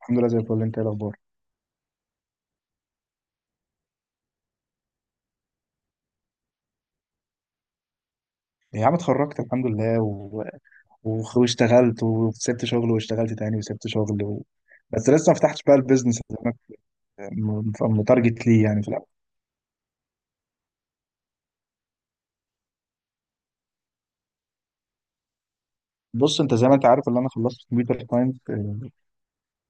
الحمد لله زي الفل، انت ايه الاخبار؟ يا عم اتخرجت الحمد لله واشتغلت وسبت شغل واشتغلت تاني وسبت شغل. بس لسه ما فتحتش بقى البيزنس اللي انا، ك- متارجت ليه يعني في الاول؟ بص انت زي ما انت عارف، اللي انا خلصت كمبيوتر ساينس.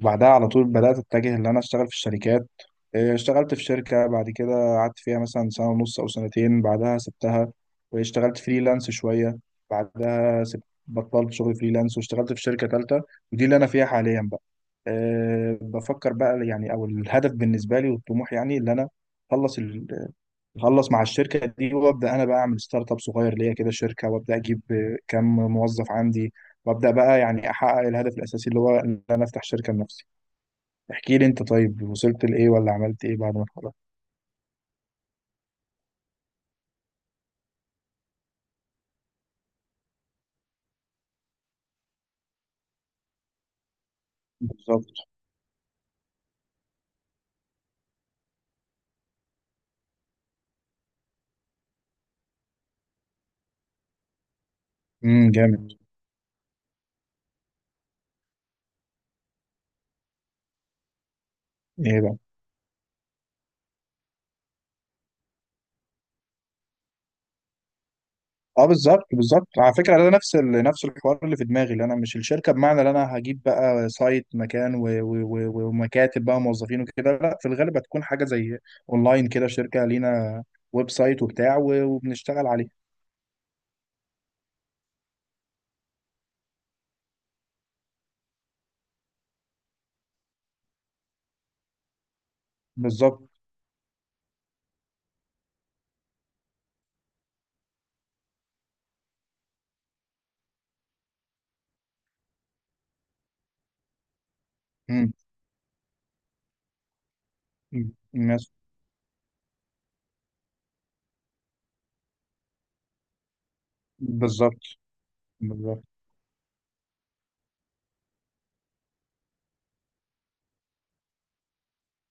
بعدها على طول بدأت أتجه إن أنا أشتغل في الشركات. إيه، اشتغلت في شركة بعد كده قعدت فيها مثلا سنة ونص أو سنتين، بعدها سبتها واشتغلت فريلانس شوية. بعدها سبت بطلت شغل فريلانس واشتغلت في شركة تالتة، ودي اللي أنا فيها حاليا بقى. بفكر بقى يعني، أو الهدف بالنسبة لي والطموح يعني اللي أنا، أخلص ال- أخلص مع الشركة دي وأبدأ أنا بقى أعمل ستارت أب صغير ليا كده شركة، وأبدأ أجيب كام موظف عندي، وأبدأ بقى يعني أحقق الهدف الأساسي اللي هو إن أنا أفتح شركة لنفسي. احكي لي انت، طيب وصلت لايه؟ ولا عملت ايه بعد ما اتخرجت؟ بالظبط. جامد. ايه بقى؟ اه، بالظبط بالظبط. على فكره، ده نفس الحوار اللي في دماغي، اللي انا مش الشركه بمعنى ان انا هجيب بقى سايت مكان ومكاتب بقى موظفين وكده، لا في الغالب هتكون حاجه زي اونلاين كده، شركه لينا ويب سايت وبتاع وبنشتغل عليه. بالظبط. امم أمم. مس- بالظبط بالظبط.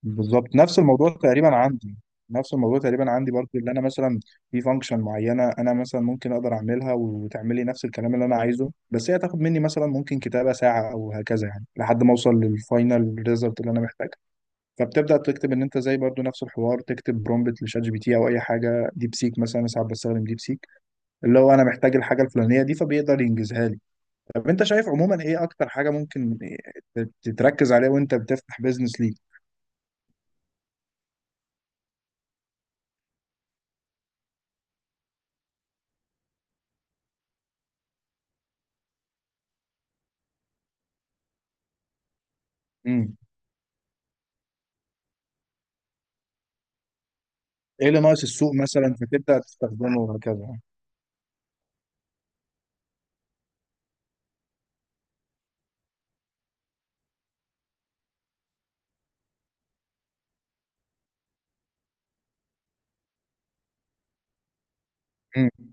بالظبط، نفس الموضوع تقريبا عندي برضو، اللي انا مثلا في فانكشن معينه انا مثلا ممكن اقدر اعملها، وتعملي نفس الكلام اللي انا عايزه، بس هي تاخد مني مثلا ممكن كتابه ساعه او هكذا يعني، لحد ما اوصل للفاينل ريزلت اللي انا محتاجها. فبتبدا تكتب ان انت زي برضو نفس الحوار، تكتب برومبت لشات جي بي تي او اي حاجه، ديب سيك مثلا، أنا ساعات بستخدم ديب سيك، اللي هو انا محتاج الحاجه الفلانيه دي فبيقدر ينجزها لي. طب انت شايف عموما ايه اكتر حاجه ممكن تتركز عليها وانت بتفتح بيزنس؟ ليك، ايه اللي ناقص السوق مثلا فتبدا تستخدمه وهكذا. مم.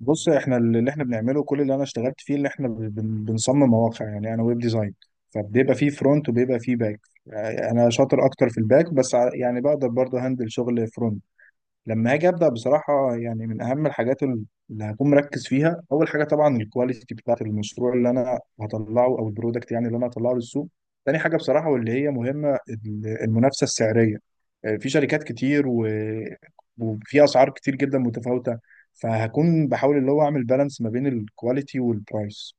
بص، احنا اللي احنا بنعمله كل اللي انا اشتغلت فيه، اللي احنا بنصمم مواقع يعني، انا ويب ديزاين، فبيبقى فيه فرونت وبيبقى فيه باك. انا شاطر اكتر في الباك، بس يعني بقدر برضه هندل شغل فرونت. لما اجي ابدا بصراحه يعني، من اهم الحاجات اللي هكون مركز فيها، اول حاجه طبعا الكواليتي بتاعت المشروع اللي انا هطلعه او البرودكت يعني اللي انا هطلعه للسوق. تاني حاجه بصراحه واللي هي مهمه، المنافسه السعريه. في شركات كتير وفي اسعار كتير جدا متفاوته، فهكون بحاول اللي هو اعمل بالانس ما بين الكواليتي والبرايس.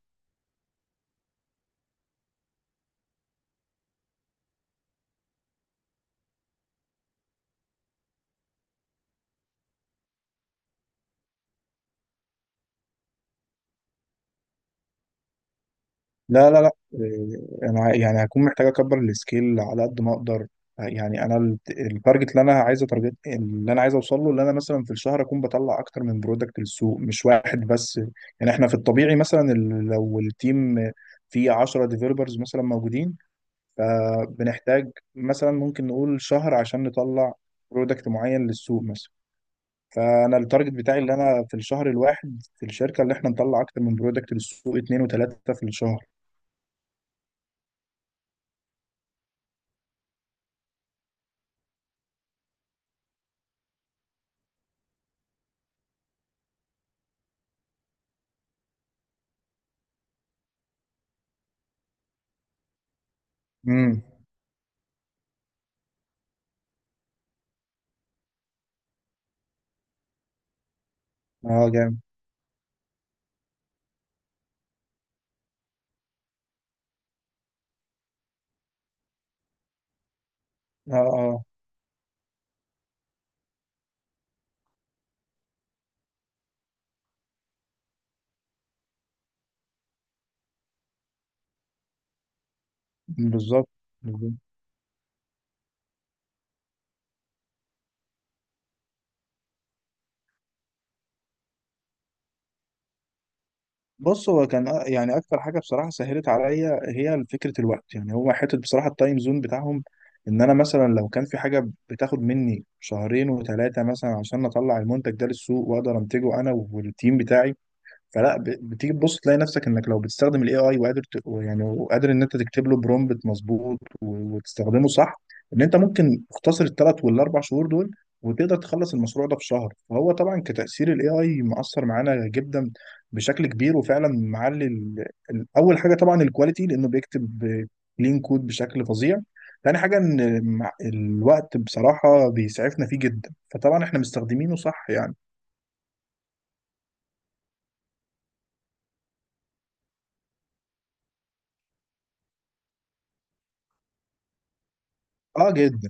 لا لا لا، إيه، انا يعني هكون محتاج اكبر السكيل على قد ما اقدر. يعني انا التارجت، اللي انا عايز اوصل له، اللي انا مثلا في الشهر اكون بطلع اكتر من برودكت للسوق مش واحد بس. يعني احنا في الطبيعي مثلا، لو التيم فيه 10 ديفيلوبرز مثلا موجودين، فبنحتاج مثلا ممكن نقول شهر عشان نطلع برودكت معين للسوق مثلا. فانا التارجت بتاعي اللي انا في الشهر الواحد في الشركه، اللي احنا نطلع اكتر من برودكت للسوق، اتنين وتلاته في الشهر. اه، جامد. اه اه، بالظبط بالظبط. بص، هو كان يعني اكتر حاجه بصراحه سهلت عليا هي فكره الوقت، يعني هو حته بصراحه التايم زون بتاعهم. ان انا مثلا لو كان في حاجه بتاخد مني شهرين وثلاثه مثلا عشان اطلع المنتج ده للسوق واقدر انتجه انا والتيم بتاعي، فلا بتيجي تبص تلاقي نفسك انك لو بتستخدم الاي اي وقادر يعني وقادر ان انت تكتب له برومبت مظبوط وتستخدمه صح، ان انت ممكن تختصر الثلاث والاربع شهور دول وتقدر تخلص المشروع ده في شهر. فهو طبعا كتأثير، الاي اي مؤثر معانا جدا بشكل كبير، وفعلا معلي اول حاجه طبعا الكواليتي، لانه بيكتب كلين كود بشكل فظيع. تاني حاجه، ان الوقت بصراحه بيسعفنا فيه جدا، فطبعا احنا مستخدمينه صح يعني. اه، جدا.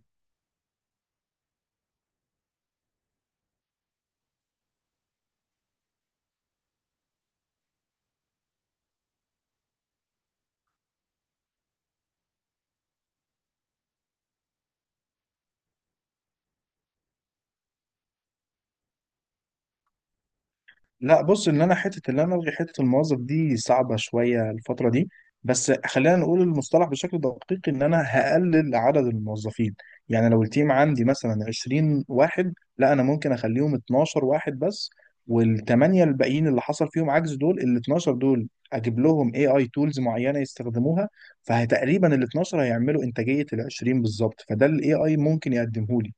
لا بص، ان انا حته اللي انا الغي حته الموظف دي صعبه شويه الفتره دي، بس خلينا نقول المصطلح بشكل دقيق، ان انا هقلل عدد الموظفين. يعني لو التيم عندي مثلا 20 واحد، لا انا ممكن اخليهم 12 واحد بس، والثمانيه الباقيين اللي حصل فيهم عجز، دول ال 12 دول اجيب لهم اي اي تولز معينه يستخدموها، فتقريبا ال 12 هيعملوا انتاجيه ال 20 بالظبط، فده الاي اي ممكن يقدمه لي.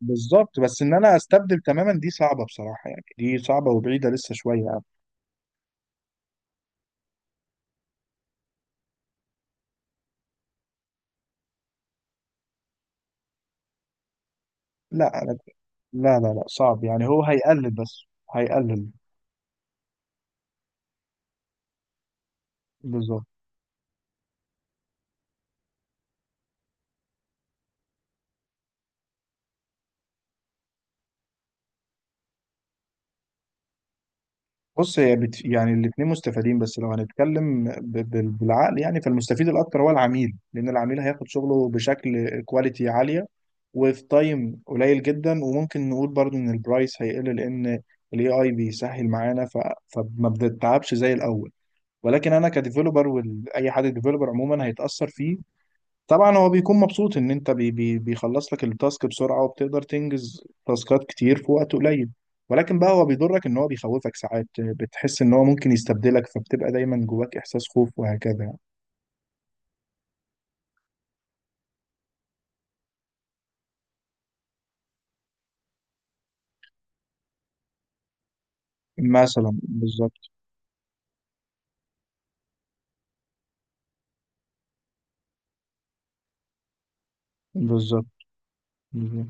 بالظبط، بس ان انا استبدل تماما دي صعبه بصراحه، يعني دي صعبه وبعيده لسه شويه يعني. لا، أنا لا لا لا، صعب يعني، هو هيقلل بس، هيقلل. بالظبط. بص، هي يعني الاثنين مستفيدين، بس لو هنتكلم بالعقل يعني، فالمستفيد الاكتر هو العميل، لان العميل هياخد شغله بشكل كواليتي عاليه وفي تايم قليل جدا. وممكن نقول برضو ان البرايس هيقل، لان الاي اي بيسهل معانا فما بنتعبش زي الاول. ولكن انا كديفلوبر واي حد ديفلوبر عموما هيتاثر فيه، طبعا هو بيكون مبسوط ان انت بي بي بيخلص لك التاسك بسرعه، وبتقدر تنجز تاسكات كتير في وقت قليل. ولكن بقى هو بيضرك، ان هو بيخوفك ساعات، بتحس ان هو ممكن يستبدلك، فبتبقى دايما جواك احساس خوف وهكذا يعني. مثلا، بالظبط بالظبط بالظبط.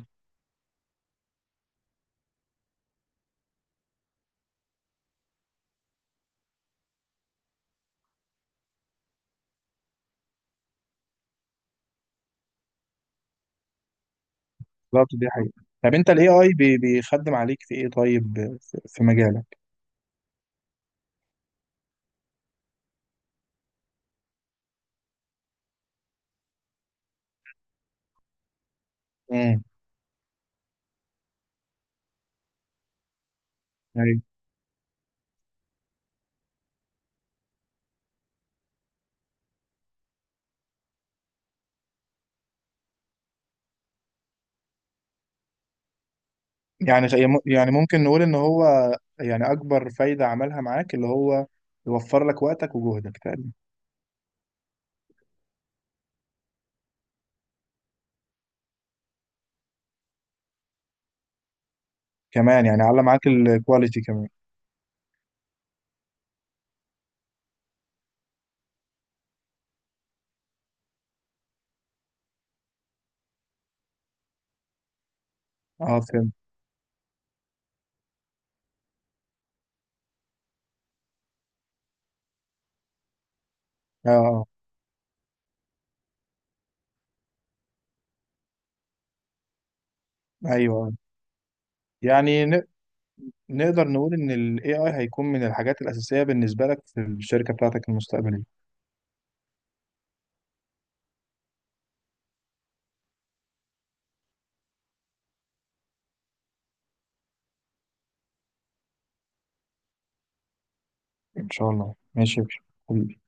دي حقيقة. طب انت، الاي اي بيخدم عليك في ايه طيب، في مجالك؟ امم أيوة. يعني يعني ممكن نقول ان هو، يعني اكبر فايده عملها معاك اللي هو يوفر لك وقتك وجهدك تقريبا، كمان يعني على معاك الكواليتي كمان. اه، فهمت. اه آه. ايوه آه. يعني نقدر نقول ان ال AI هيكون من الحاجات الأساسية بالنسبة لك في الشركة بتاعتك المستقبلية؟ إن شاء الله، ماشي يا باشا.